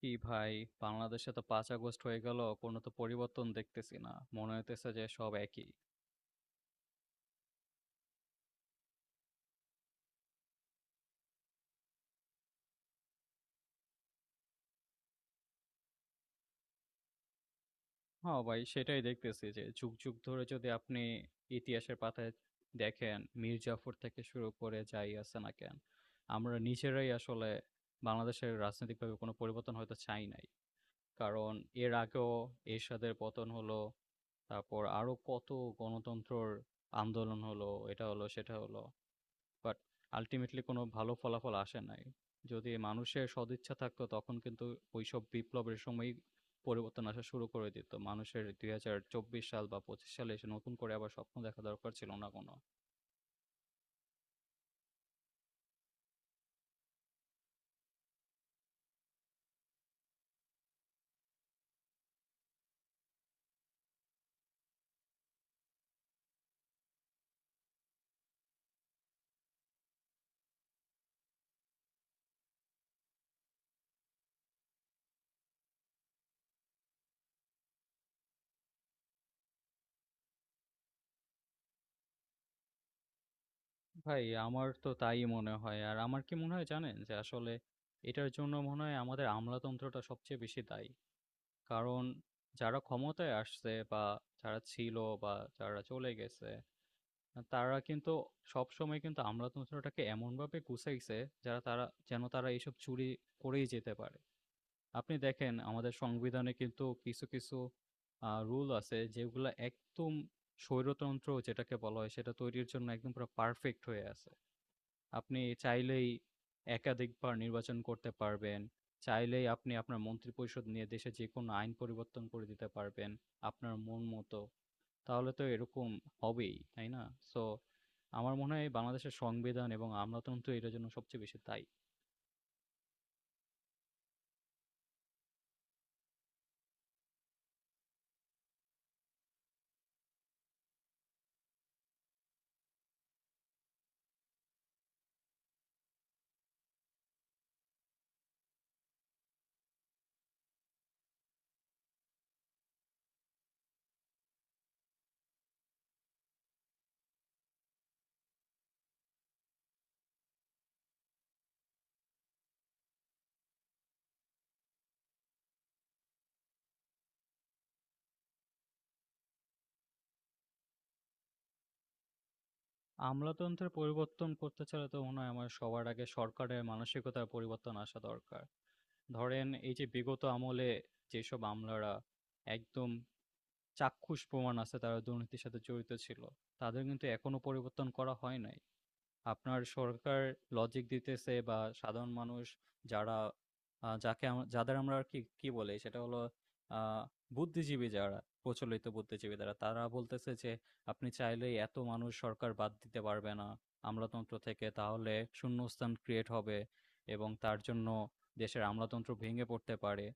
কি ভাই, বাংলাদেশে তো ৫ আগস্ট হয়ে গেল, কোনো তো পরিবর্তন দেখতেছি না। মনে হইতেছে যে সব একই। হ্যাঁ, ভাই সেটাই দেখতেছি যে যুগ, যুগ ধরে যদি আপনি ইতিহাসের পাতায় দেখেন, মীর জাফর থেকে শুরু করে যাই আছে না কেন, আমরা নিজেরাই আসলে বাংলাদেশের রাজনৈতিকভাবে কোনো পরিবর্তন হয়তো চাই নাই। কারণ এর আগেও এরশাদের পতন হলো, তারপর আরো কত গণতন্ত্রর আন্দোলন হলো, এটা হলো, সেটা হলো। বাট আল্টিমেটলি কোনো ভালো ফলাফল আসে নাই। যদি মানুষের সদিচ্ছা থাকতো তখন কিন্তু ওইসব বিপ্লবের সময়ই পরিবর্তন আসা শুরু করে দিত। মানুষের ২০২৪ সাল বা ২৫ সালে এসে নতুন করে আবার স্বপ্ন দেখা দরকার ছিল না কোনো। ভাই আমার তো তাই মনে হয়। আর আমার কি মনে হয় জানেন? যে আসলে এটার জন্য মনে হয় আমাদের আমলাতন্ত্রটা সবচেয়ে বেশি দায়ী। কারণ যারা ক্ষমতায় আসছে বা যারা ছিল বা যারা চলে গেছে তারা কিন্তু সবসময় কিন্তু আমলাতন্ত্রটাকে এমনভাবে গুছাইছে যারা তারা যেন তারা এইসব চুরি করেই যেতে পারে। আপনি দেখেন আমাদের সংবিধানে কিন্তু কিছু, কিছু রুল আছে যেগুলা একদম স্বৈরতন্ত্র যেটাকে বলা হয় সেটা তৈরির জন্য একদম পুরা পারফেক্ট হয়ে আছে। আপনি চাইলেই একাধিকবার নির্বাচন করতে পারবেন। চাইলেই আপনি আপনার মন্ত্রিপরিষদ নিয়ে দেশে যেকোনো আইন পরিবর্তন করে দিতে পারবেন আপনার মন মতো। তাহলে তো এরকম হবেই, তাই না? সো আমার মনে হয় বাংলাদেশের সংবিধান এবং আমলাতন্ত্র এটার জন্য সবচেয়ে বেশি দায়ী। আমলাতন্ত্রের পরিবর্তন করতে চাইলে তো মনে হয় আমার সবার আগে সরকারের মানসিকতার পরিবর্তন আসা দরকার। ধরেন এই যে বিগত আমলে যেসব আমলারা একদম চাক্ষুষ প্রমাণ আছে তারা দুর্নীতির সাথে জড়িত ছিল। তাদের কিন্তু এখনো পরিবর্তন করা হয় নাই। আপনার সরকার লজিক দিতেছে বা সাধারণ মানুষ যারা আ যাকে আম যাদের আমরা আর কি, কি বলি সেটা হলো আ বুদ্ধিজীবী যারা, প্রচলিত বুদ্ধিজীবী যারা, তারা বলতেছে যে আপনি চাইলেই এত মানুষ সরকার বাদ দিতে পারবে না আমলাতন্ত্র থেকে। তাহলে শূন্যস্থান ক্রিয়েট হবে এবং তার জন্য দেশের আমলাতন্ত্র ভেঙে পড়তে পারে।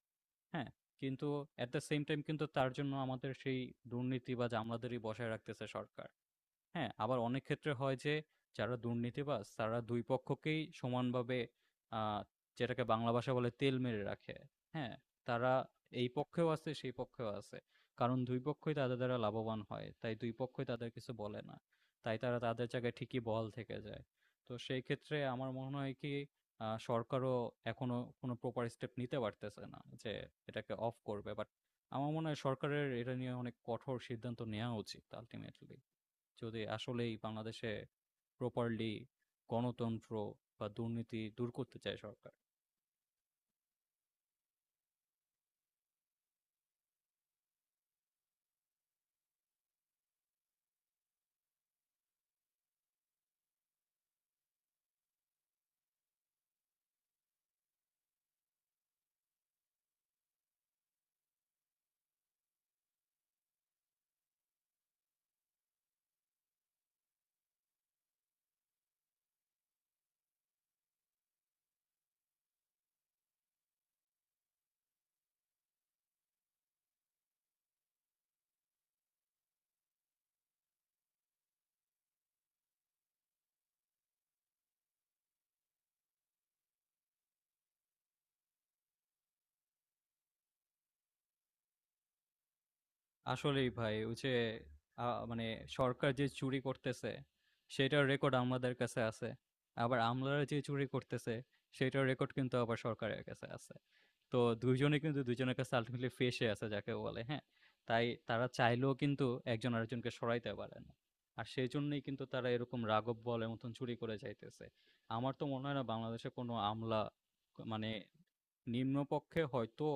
হ্যাঁ? কিন্তু এট দ্য সেম টাইম কিন্তু তার জন্য আমাদের সেই দুর্নীতিবাজ আমলাদেরই বসায় রাখতেছে সরকার। হ্যাঁ, আবার অনেক ক্ষেত্রে হয় যে যারা দুর্নীতিবাজ তারা ২ পক্ষকেই সমানভাবে আ যেটাকে বাংলা ভাষায় বলে তেল মেরে রাখে। হ্যাঁ? তারা এই পক্ষেও আছে, সেই পক্ষেও আছে। কারণ ২ পক্ষই তাদের দ্বারা লাভবান হয়। তাই ২ পক্ষই তাদের কিছু বলে না। তাই তারা তাদের জায়গায় ঠিকই বহাল থেকে যায়। তো সেই ক্ষেত্রে আমার মনে হয় কি সরকারও এখনো কোনো প্রপার স্টেপ নিতে পারতেছে না যে এটাকে অফ করবে। বাট আমার মনে হয় সরকারের এটা নিয়ে অনেক কঠোর সিদ্ধান্ত নেয়া উচিত আল্টিমেটলি। যদি আসলেই বাংলাদেশে প্রপারলি গণতন্ত্র বা দুর্নীতি দূর করতে চায় সরকার। আসলেই ভাই ওই যে মানে সরকার যে চুরি করতেছে সেটার রেকর্ড আমাদের কাছে আছে। আবার আমলারা যে চুরি করতেছে সেটার রেকর্ড কিন্তু আবার সরকারের কাছে আছে। তো ২ জনেই কিন্তু ২ জনের কাছে আল্টিমেটলি ফেঁসে আছে যাকে বলে, হ্যাঁ? তাই তারা চাইলেও কিন্তু একজন আরেকজনকে সরাইতে পারে না। আর সেজন্যই কিন্তু তারা এরকম রাঘব বোয়ালের মতন চুরি করে যাইতেছে। আমার তো মনে হয় না বাংলাদেশে কোনো আমলা মানে নিম্নপক্ষে হয়তো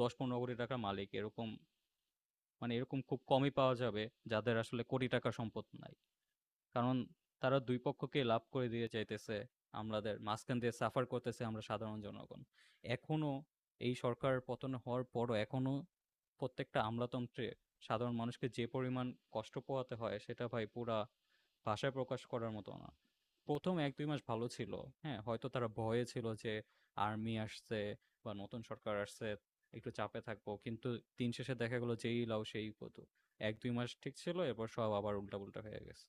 ১০-১৫ কোটি টাকার মালিক এরকম মানে এরকম খুব কমই পাওয়া যাবে যাদের আসলে কোটি টাকার সম্পদ নাই। কারণ তারা দুই পক্ষকে লাভ করে দিয়ে চাইতেছে, আমাদের মাঝখান দিয়ে সাফার করতেছে আমরা সাধারণ জনগণ। এখনো এই সরকার পতন হওয়ার পরও এখনো প্রত্যেকটা আমলাতন্ত্রে সাধারণ মানুষকে যে পরিমাণ কষ্ট পোহাতে হয় সেটা ভাই পুরা ভাষায় প্রকাশ করার মতো না। প্রথম এক দুই মাস ভালো ছিল, হ্যাঁ, হয়তো তারা ভয়ে ছিল যে আর্মি আসছে বা নতুন সরকার আসছে, একটু চাপে থাকবো, কিন্তু দিন শেষে দেখা গেলো যেই লাউ সেই কত। এক দুই মাস ঠিক ছিল, এরপর সব আবার উল্টাপুল্টা হয়ে গেছে।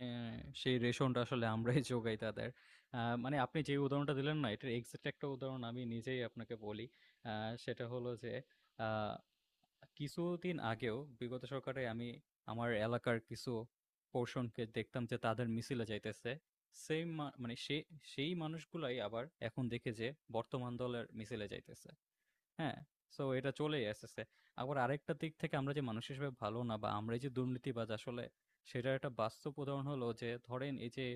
হ্যাঁ, সেই রেশনটা আসলে আমরাই যোগাই তাদের। মানে আপনি যে উদাহরণটা দিলেন না, এটার এক্সাক্ট একটা উদাহরণ আমি নিজেই আপনাকে বলি। আ সেটা হলো যে, আ কিছুদিন আগেও বিগত সরকারে আমি আমার এলাকার কিছু পোরশনকে দেখতাম যে তাদের মিছিলে যাইতেছে। সেইম মা মানে সে সেই মানুষগুলাই আবার এখন দেখি যে বর্তমান দলের মিছিলে যাইতেছে। হ্যাঁ? সো এটা চলেই আসতেছে। আবার আরেকটা দিক থেকে আমরা যে মানুষ হিসেবে ভালো না বা আমরাই যে দুর্নীতিবাজ আসলে সেটার একটা বাস্তব উদাহরণ হলো যে, ধরেন এই যে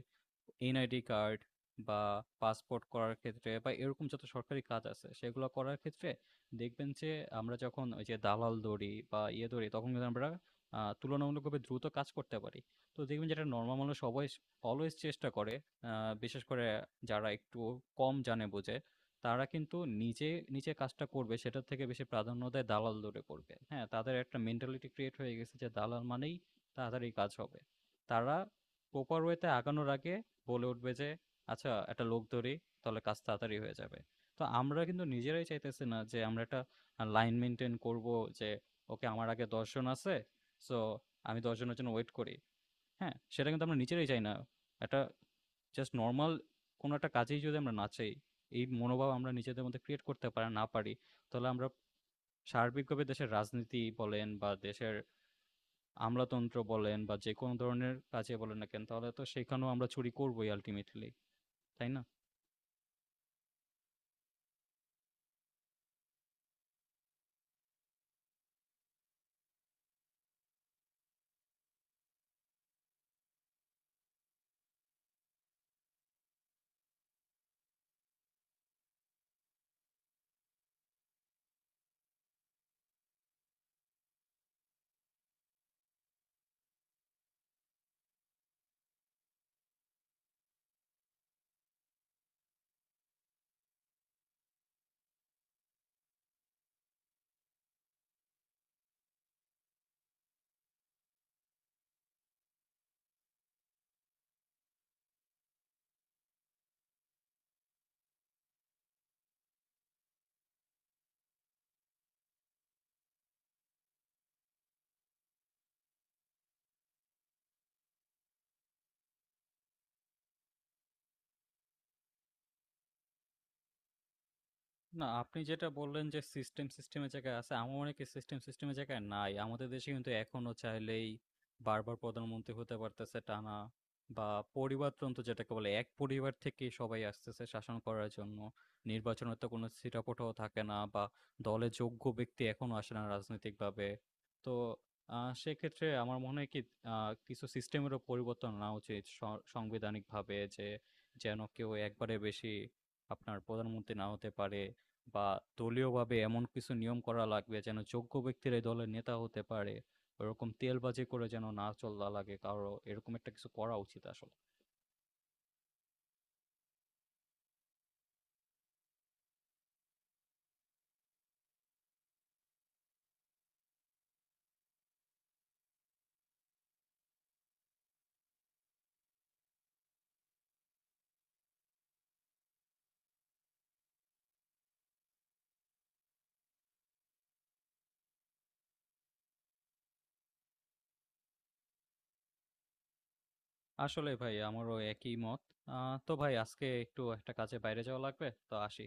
এনআইডি কার্ড বা পাসপোর্ট করার ক্ষেত্রে বা এরকম যত সরকারি কাজ আছে সেগুলো করার ক্ষেত্রে দেখবেন যে আমরা যখন ওই যে দালাল ধরি বা ইয়ে ধরি তখন কিন্তু আমরা তুলনামূলকভাবে দ্রুত কাজ করতে পারি। তো দেখবেন যেটা নরমাল মানুষ অবয়েস অলওয়েজ চেষ্টা করে, আ বিশেষ করে যারা একটু কম জানে বোঝে তারা কিন্তু নিজে, নিজে কাজটা করবে সেটার থেকে বেশি প্রাধান্য দেয় দালাল দৌড়ে করবে। হ্যাঁ? তাদের একটা মেন্টালিটি ক্রিয়েট হয়ে গেছে যে দালাল মানেই তাড়াতাড়ি কাজ হবে। তারা প্রপার ওয়েতে আগানোর আগে বলে উঠবে যে, "আচ্ছা একটা লোক ধরি, তাহলে কাজ তাড়াতাড়ি হয়ে যাবে।" তো আমরা কিন্তু নিজেরাই চাইতেছি না যে আমরা একটা লাইন মেইনটেইন করবো যে, "ওকে আমার আগে ১০ জন আছে। সো আমি ১০ জনের জন্য ওয়েট করি।" হ্যাঁ? সেটা কিন্তু আমরা নিজেরাই চাই না। একটা জাস্ট নরমাল কোনো একটা কাজেই যদি আমরা না চাই, এই মনোভাব আমরা নিজেদের মধ্যে ক্রিয়েট করতে পারা না পারি, তাহলে আমরা সার্বিকভাবে দেশের রাজনীতি বলেন বা দেশের আমলাতন্ত্র বলেন বা যেকোনো ধরনের কাজে বলেন না কেন, তাহলে তো সেখানেও আমরা চুরি করবোই আল্টিমেটলি, তাই না? না, আপনি যেটা বললেন যে সিস্টেম সিস্টেমের জায়গায় আছে, আমার মনে হয় কি সিস্টেম সিস্টেমের জায়গায় নাই। আমাদের দেশে কিন্তু এখনো চাইলেই বারবার প্রধানমন্ত্রী হতে পারতেছে টানা, বা পরিবারতন্ত্র যেটাকে বলে এক পরিবার থেকেই সবাই আসতেছে শাসন করার জন্য। নির্বাচনের তো কোনো ছিটেফোঁটাও থাকে না বা দলে যোগ্য ব্যক্তি এখনো আসে না রাজনৈতিকভাবে। তো সেক্ষেত্রে আমার মনে হয় কি আ কিছু সিস্টেমেরও পরিবর্তন আনা উচিত সাংবিধানিকভাবে, যে যেন কেউ একবারে বেশি আপনার প্রধানমন্ত্রী না হতে পারে। বা দলীয়ভাবে এমন কিছু নিয়ম করা লাগবে যেন যোগ্য ব্যক্তিরাই দলের নেতা হতে পারে, ওরকম তেলবাজি করে যেন না চলা লাগে কারো। এরকম একটা কিছু করা উচিত আসলে। আসলে ভাই আমারও একই মত। তো ভাই আজকে একটু একটা কাজে বাইরে যাওয়া লাগবে, তো আসি।